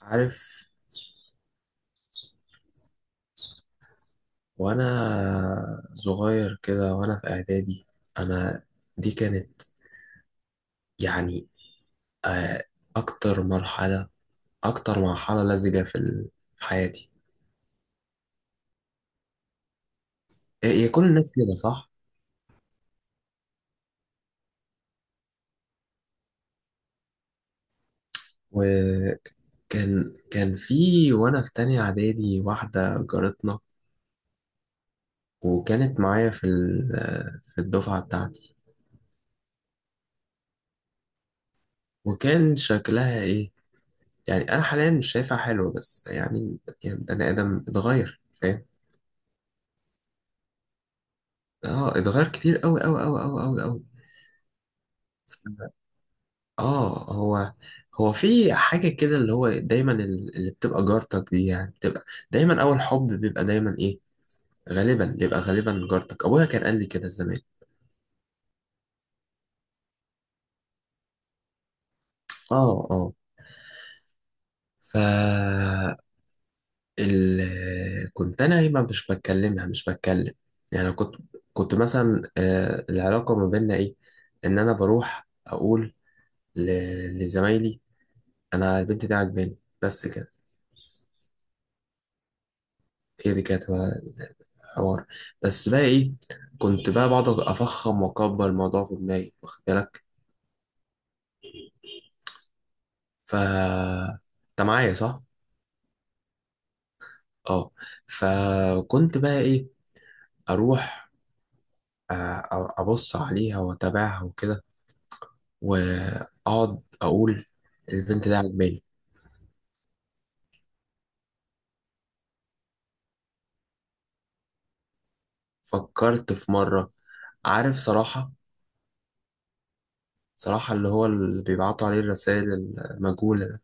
عارف. وانا صغير كده وانا في اعدادي، انا دي كانت يعني آه، اكتر مرحلة، اكتر مرحلة لزجة في حياتي. هي كل الناس كده، صح؟ وكان كان في، وانا في تانية اعدادي، واحدة جارتنا، وكانت معايا في ال- آه، في الدفعة بتاعتي. وكان شكلها ايه؟ يعني انا حاليا مش شايفها حلوة، بس يعني، يعني بني ادم اتغير، فاهم؟ اه اتغير كتير، قوي قوي قوي قوي قوي قوي. اه، هو في حاجة كده، اللي هو دايما اللي بتبقى جارتك دي، يعني بتبقى دايما أول حب، بيبقى دايما إيه، غالبا بيبقى، غالبا جارتك. أبويا كان قال لي كده زمان. اه اه. ف ال... كنت أنا إيه، ما مش بتكلمها، مش بتكلم، يعني كنت، كنت مثلا آه، العلاقة ما بيننا إيه، إن أنا بروح أقول ل... لزمايلي أنا البنت دي عجباني، بس كده. هي دي كانت حوار، بس بقى ايه، كنت بقى بقعد افخم واكبر الموضوع في دماغي، واخد بالك؟ ف انت معايا، صح؟ اه. فكنت بقى ايه، اروح ابص عليها واتابعها وكده، واقعد اقول البنت دي عجباني. فكرت في مره، عارف، صراحه، صراحه اللي هو اللي بيبعتوا عليه الرسائل المجهوله ده.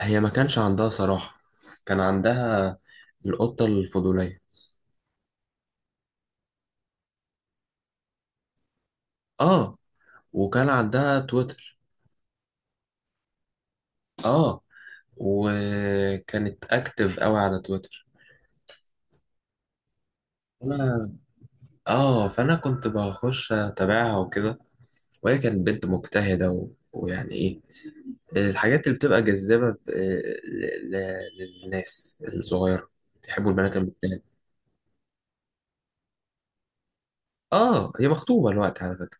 هي ما كانش عندها صراحه، كان عندها القطه الفضوليه. اه، وكان عندها تويتر. اه، وكانت اكتف قوي على تويتر. انا اه فانا كنت بخش اتابعها وكده، وهي كانت بنت مجتهده ويعني ايه، الحاجات اللي بتبقى جذابه للناس الصغيره، بيحبوا البنات المجتهده. اه هي مخطوبه الوقت على فكره.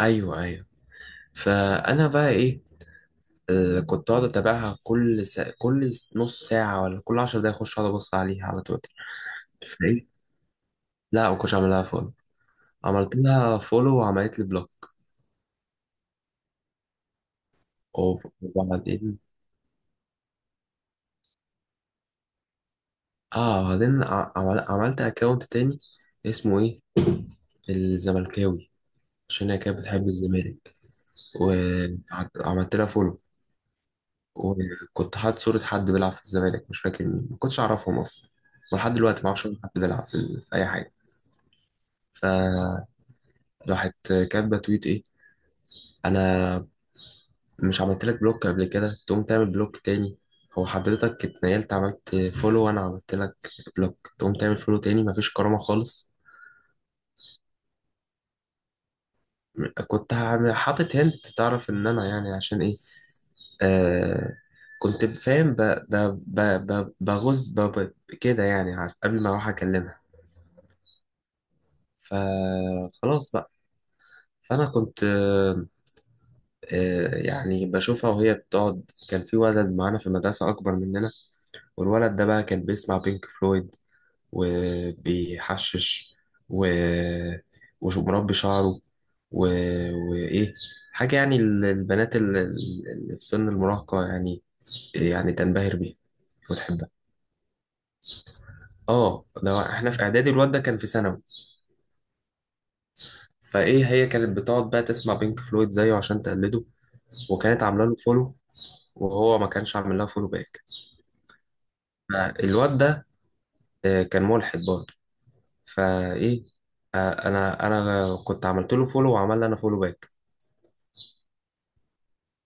ايوه ايوه. فانا بقى ايه، كنت اقعد اتابعها كل نص ساعه ولا كل 10 دقايق اخش اقعد ابص عليها على تويتر. فايه، لا ما كنتش اعملها. عملت لها فولو وعملت لي بلوك. وبعدين اه بعدين عملت اكونت تاني، اسمه ايه، الزملكاوي، عشان هي كانت بتحب الزمالك. وعملت لها فولو، وكنت حاطط صورة حد بيلعب في الزمالك، مش فاكر مين، ما كنتش اعرفهم اصلا، ولحد دلوقتي ما اعرفش ولا حد بيلعب في اي حاجة. فراحت كاتبة تويت ايه، انا مش عملت لك بلوك قبل كده تقوم تعمل بلوك تاني؟ هو حضرتك اتنقلت، عملت فولو وانا عملت لك بلوك، تقوم تعمل فولو تاني؟ مفيش كرامة خالص. حاطط هنت تعرف ان انا، يعني عشان ايه، آه، كنت فاهم بغز كده، يعني قبل ما اروح اكلمها. فخلاص بقى. فانا كنت يعني بشوفها وهي بتقعد. كان في ولد معانا في المدرسة اكبر مننا، والولد ده بقى كان بيسمع بينك فلويد، وبيحشش و... ومربي شعره و... وإيه، حاجة يعني البنات اللي في سن المراهقة، يعني، يعني تنبهر بيها وتحبها. اه ده احنا في اعدادي، الواد ده كان في ثانوي. فايه، هي كانت بتقعد بقى تسمع بينك فلويد زيه عشان تقلده، وكانت عامله له فولو، وهو ما كانش عامل لها فولو باك. فالواد ده كان ملحد برضه. فايه آه، انا كنت عملت له فولو، وعمل لي انا فولو باك.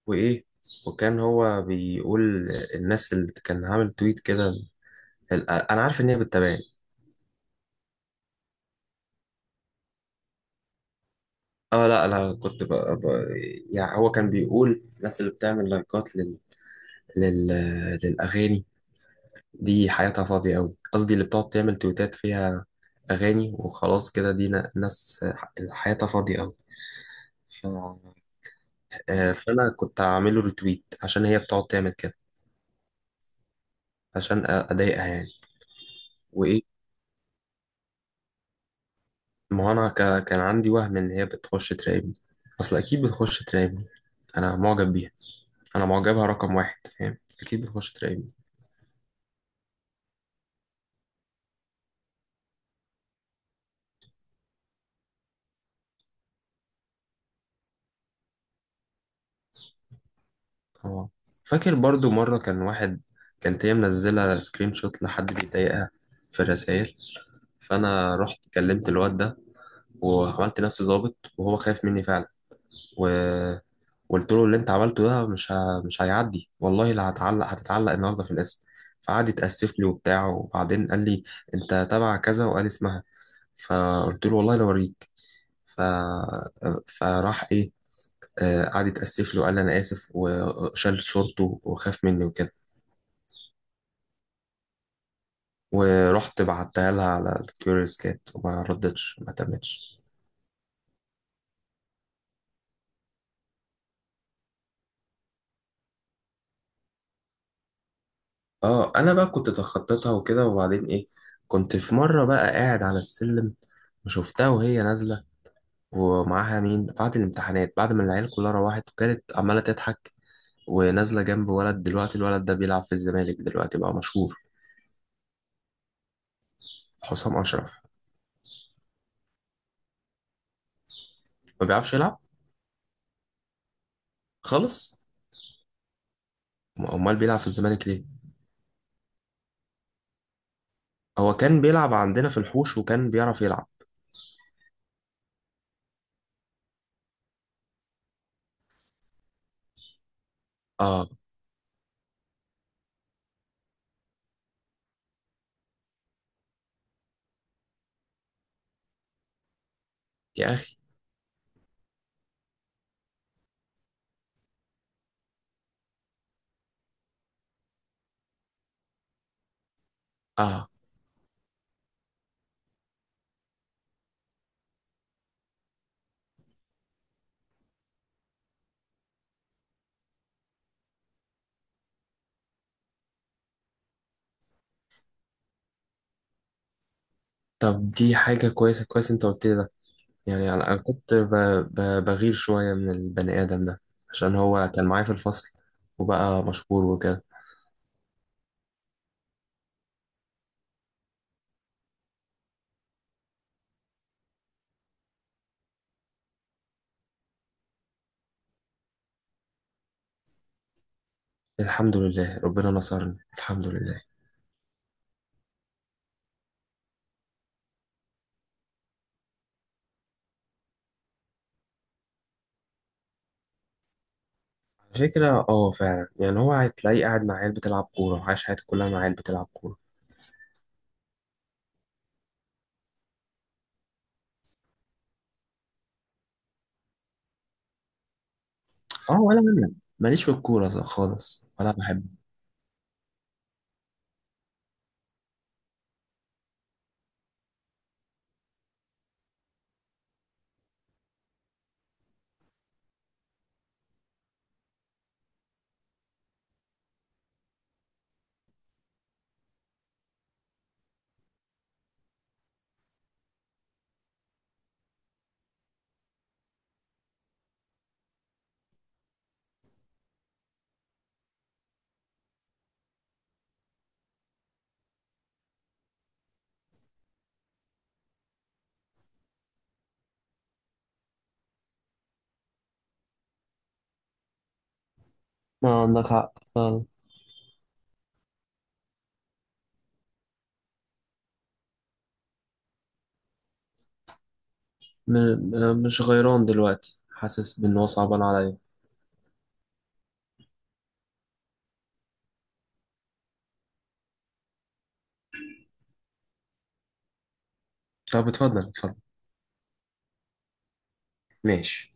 وايه، وكان هو بيقول الناس اللي كان عامل تويت كده انا عارف ان هي بتتابعني. اه لا انا كنت يعني هو كان بيقول الناس اللي بتعمل لايكات لل... للاغاني دي حياتها فاضيه قوي، قصدي اللي بتقعد تعمل تويتات فيها اغاني وخلاص كده، دي ناس حياتها فاضيه قوي. ف... آه، فانا كنت هعمله ريتويت عشان هي بتقعد تعمل كده، عشان اضايقها يعني. وايه، ما هو انا كان عندي وهم ان هي بتخش تراقبني، اصل اكيد بتخش تراقبني، انا معجب بيها، انا معجبها رقم واحد، فاهم؟ اكيد بتخش تراقبني. اه فاكر برضو مره كان واحد، كانت هي منزله سكرين شوت لحد بيضايقها في الرسائل، فانا رحت كلمت الواد ده، وعملت نفسي ظابط، وهو خايف مني فعلا، و قلت له اللي انت عملته ده مش هيعدي، والله لا هتعلق، هتتعلق النهارده في الاسم. فقعد يتأسف لي وبتاع، وبعدين قال لي انت تبع كذا، وقال اسمها. فقلت له والله لو اوريك. ف... فراح ايه، قعد يتأسف لي وقال لي انا اسف، وشال صورته وخاف مني وكده. ورحت بعتها لها على الكيوريوس كات، وما ردتش، ما تمتش. اه انا بقى كنت تخطيتها وكده. وبعدين ايه، كنت في مرة بقى قاعد على السلم، وشفتها وهي نازلة ومعاها مين، بعد الامتحانات، بعد ما العيال كلها روحت، وكانت عمالة تضحك ونازلة جنب ولد، دلوقتي الولد ده بيلعب في الزمالك، دلوقتي بقى مشهور. حسام أشرف. ما بيعرفش يلعب. خلص. امال بيلعب في الزمالك ليه؟ هو كان بيلعب عندنا في الحوش، وكان بيعرف يلعب. اه يا اخي. اه طب دي حاجة كويسة، كويس انت قلت لي ده. يعني انا كنت بغير شوية من البني ادم ده، عشان هو كان معايا في الفصل وبقى مشهور وكده. الحمد لله ربنا نصرني، الحمد لله. على فكرة اه فعلا، يعني هو هتلاقيه قاعد مع عيال بتلعب كورة، وعايش حياته كلها مع عيال بتلعب كورة. اه ولا انا، ماليش في الكورة خالص، ولا بحب. اه عندك حق فعلا. مش غيران دلوقتي، حاسس بإن هو صعبان عليا. طب اتفضل اتفضل. ماشي.